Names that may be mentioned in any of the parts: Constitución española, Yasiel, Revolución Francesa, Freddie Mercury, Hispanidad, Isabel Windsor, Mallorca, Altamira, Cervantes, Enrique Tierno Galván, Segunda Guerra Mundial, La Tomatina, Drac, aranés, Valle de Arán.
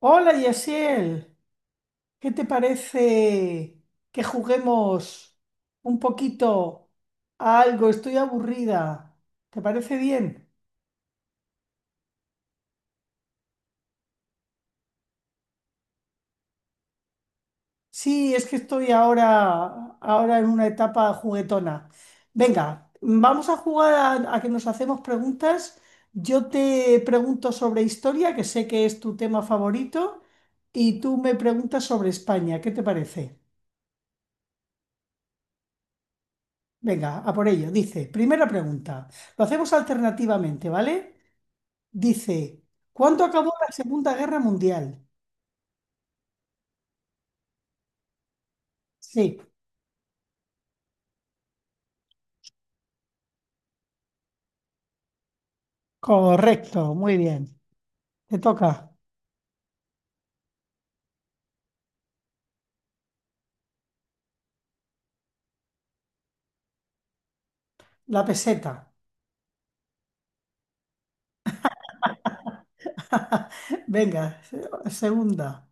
Hola, Yasiel, ¿qué te parece que juguemos un poquito a algo? Estoy aburrida. ¿Te parece bien? Sí, es que estoy ahora en una etapa juguetona. Venga, vamos a jugar a que nos hacemos preguntas. Yo te pregunto sobre historia, que sé que es tu tema favorito, y tú me preguntas sobre España. ¿Qué te parece? Venga, a por ello. Dice, primera pregunta. Lo hacemos alternativamente, ¿vale? Dice, ¿cuándo acabó la Segunda Guerra Mundial? Sí, correcto, muy bien. Te toca la peseta. Venga, segunda.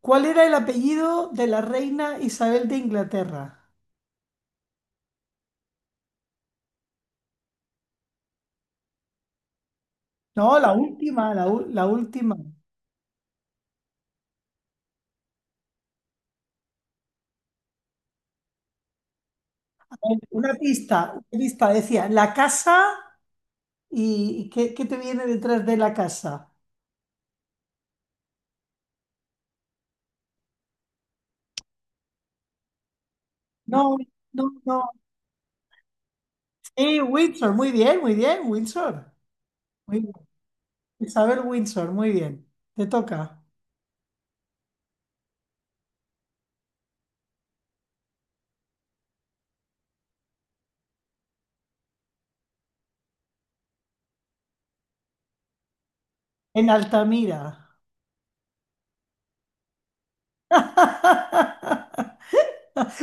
¿Cuál era el apellido de la reina Isabel de Inglaterra? No, la última, la última. Una pista decía, la casa y ¿qué te viene detrás de la casa? No, no, no. Y Windsor, muy bien, Windsor. Muy bien. Isabel Windsor, muy bien. Te toca. En Altamira.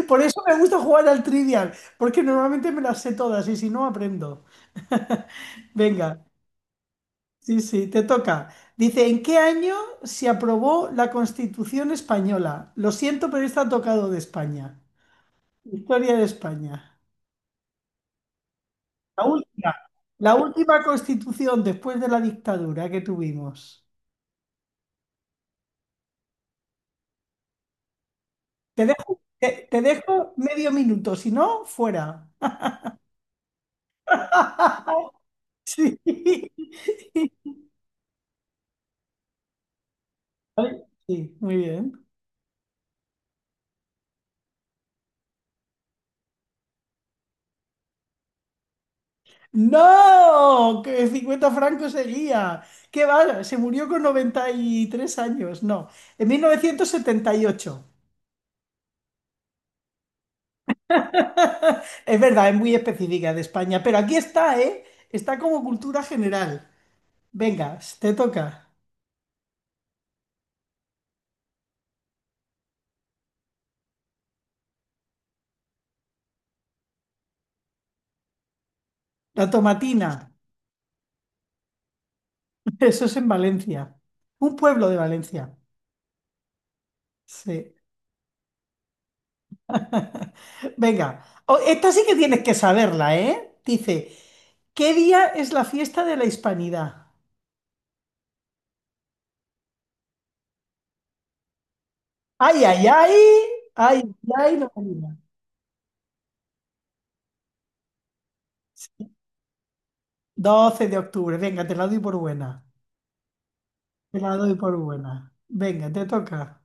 Por eso me gusta jugar al Trivial, porque normalmente me las sé todas y si no aprendo. Venga, sí, sí, te toca. Dice, ¿en qué año se aprobó la Constitución española? Lo siento, pero está tocado de España. Historia de España. La última, la última Constitución después de la dictadura que tuvimos. Te dejo medio minuto, si no, fuera. Sí. Ay, sí, muy bien. No, que 50 francos seguía. ¿Qué va? Se murió con 93 años. No, en 1978. Es verdad, es muy específica de España, pero aquí está, ¿eh? Está como cultura general. Venga, te toca. La Tomatina. Eso es en Valencia. Un pueblo de Valencia. Sí. Venga, esta sí que tienes que saberla, ¿eh? Dice, ¿qué día es la fiesta de la Hispanidad? Ay, ay, ay, ay, ay, no me digas. 12 de octubre, venga, te la doy por buena. Te la doy por buena. Venga, te toca.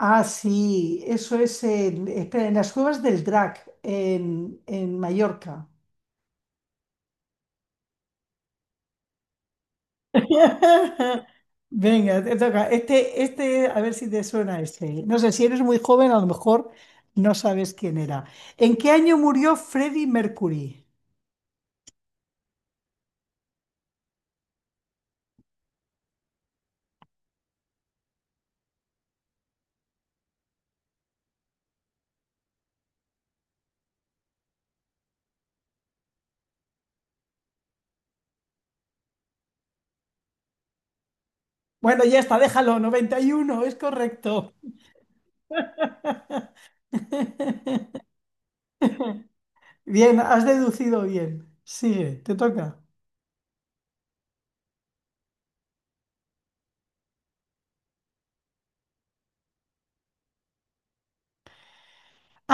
Ah, sí, eso es en, espera, en las cuevas del Drac, en Mallorca. Venga, te toca. Este, a ver si te suena este. No sé, si eres muy joven, a lo mejor no sabes quién era. ¿En qué año murió Freddie Mercury? Bueno, ya está, déjalo, 91, es correcto. Bien, has deducido bien. Sigue, te toca.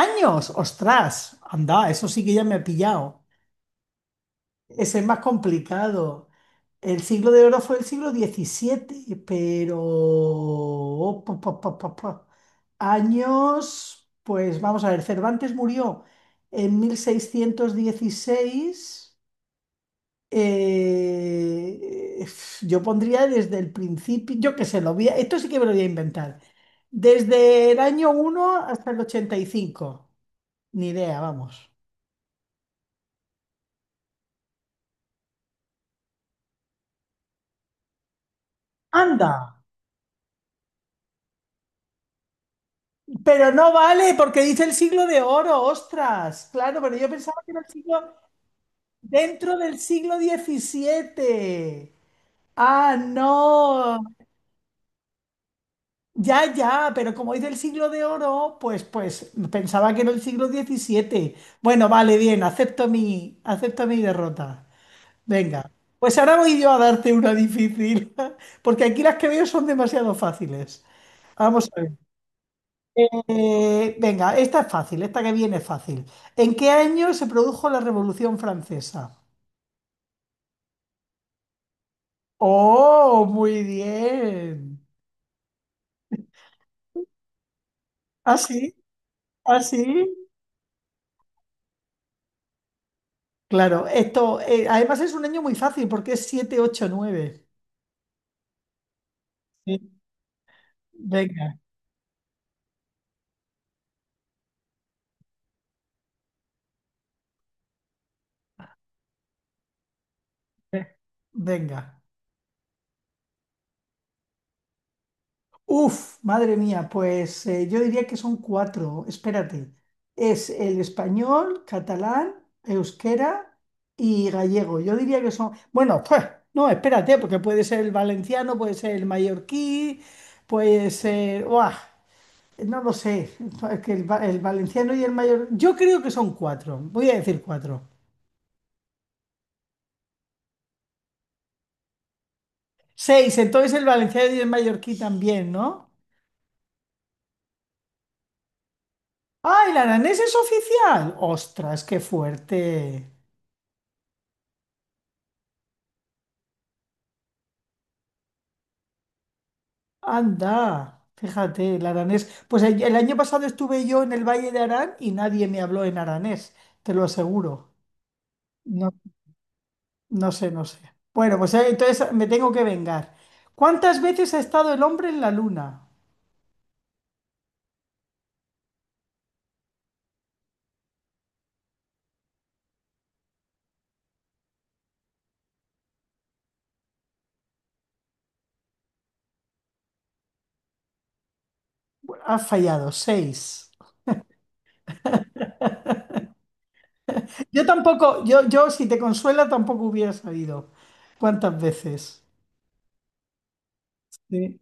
¡Años! ¡Ostras! Anda, eso sí que ya me ha pillado. Es el más complicado. El siglo de oro fue el siglo XVII, pero, oh, pa, pa, pa, pa, pa. Años, pues vamos a ver, Cervantes murió en 1616. eh, yo pondría desde el principio, yo qué sé, esto sí que me lo voy a inventar. Desde el año uno hasta el 85. Ni idea, vamos. Anda, pero no vale porque dice el siglo de oro, ostras. Claro, pero yo pensaba que era el siglo. Dentro del siglo XVII. Ah, no. Ya, ya, pero como es del siglo de oro, pues pensaba que era el siglo XVII. Bueno, vale, bien, acepto mi derrota. Venga, pues ahora voy yo a darte una difícil, porque aquí las que veo son demasiado fáciles. Vamos a ver. Venga, esta es fácil, esta que viene es fácil. ¿En qué año se produjo la Revolución Francesa? Oh, muy bien. Ah, sí, ah, sí. Claro, esto, además es un año muy fácil porque es 7, 8, 9. Sí. Venga. eh, venga. Uf, madre mía, pues yo diría que son cuatro. Espérate. Es el español, catalán, euskera y gallego. Yo diría que son, bueno, pues, no, espérate, porque puede ser el valenciano, puede ser el mallorquí, puede ser, ¡buah! No lo sé, es que el valenciano y el mayor, yo creo que son cuatro, voy a decir cuatro. Seis, entonces el valenciano y el mallorquí también, ¿no? ¡Ah, el aranés es oficial! ¡Ostras, qué fuerte! Anda, fíjate, el aranés. Pues el año pasado estuve yo en el Valle de Arán y nadie me habló en aranés, te lo aseguro. No, no sé, no sé. Bueno, pues entonces me tengo que vengar. ¿Cuántas veces ha estado el hombre en la luna? Ha fallado, seis. Yo tampoco, yo si te consuela tampoco hubiera sabido cuántas veces. Sí.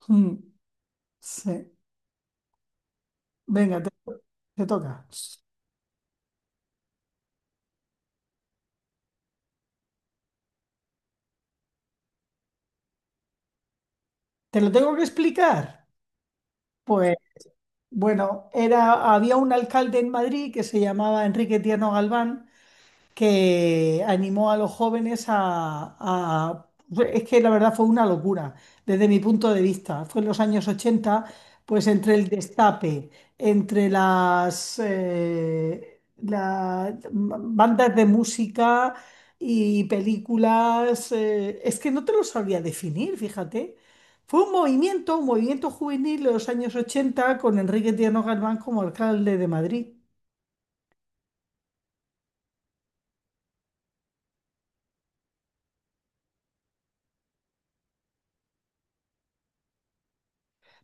Mm, sí. Venga, te toca. ¿Te lo tengo que explicar? Pues bueno, era, había un alcalde en Madrid que se llamaba Enrique Tierno Galván que animó a los jóvenes Es que la verdad fue una locura, desde mi punto de vista. Fue en los años 80 pues entre el destape, entre las bandas de música y películas, es que no te lo sabría definir, fíjate. Fue un movimiento juvenil de los años 80 con Enrique Tierno Galván como alcalde de Madrid,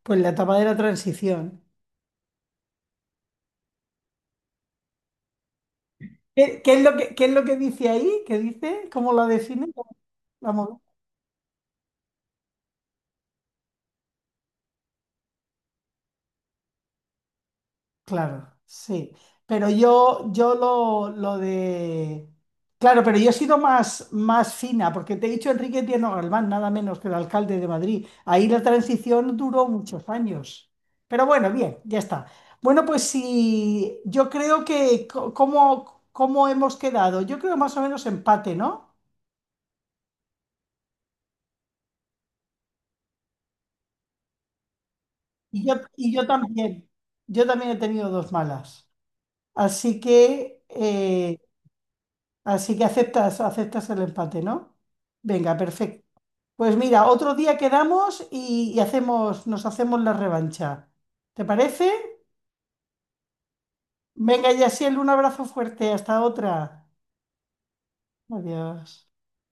pues la etapa de la transición. ¿Qué, qué es lo que, qué es lo que dice ahí? ¿Qué dice? ¿Cómo lo define? Vamos, claro, sí. Pero yo lo de... Claro, pero yo he sido más fina, porque te he dicho Enrique Tierno Galván, nada menos que el alcalde de Madrid. Ahí la transición duró muchos años. Pero bueno, bien, ya está. Bueno, pues sí, yo creo que... ¿Cómo hemos quedado? Yo creo más o menos empate, ¿no? Y yo también. Yo también he tenido dos malas. Así que, eh, así que aceptas el empate, ¿no? Venga, perfecto. Pues mira, otro día quedamos y nos hacemos la revancha. ¿Te parece? Venga, Yasiel, un abrazo fuerte. Hasta otra. Adiós.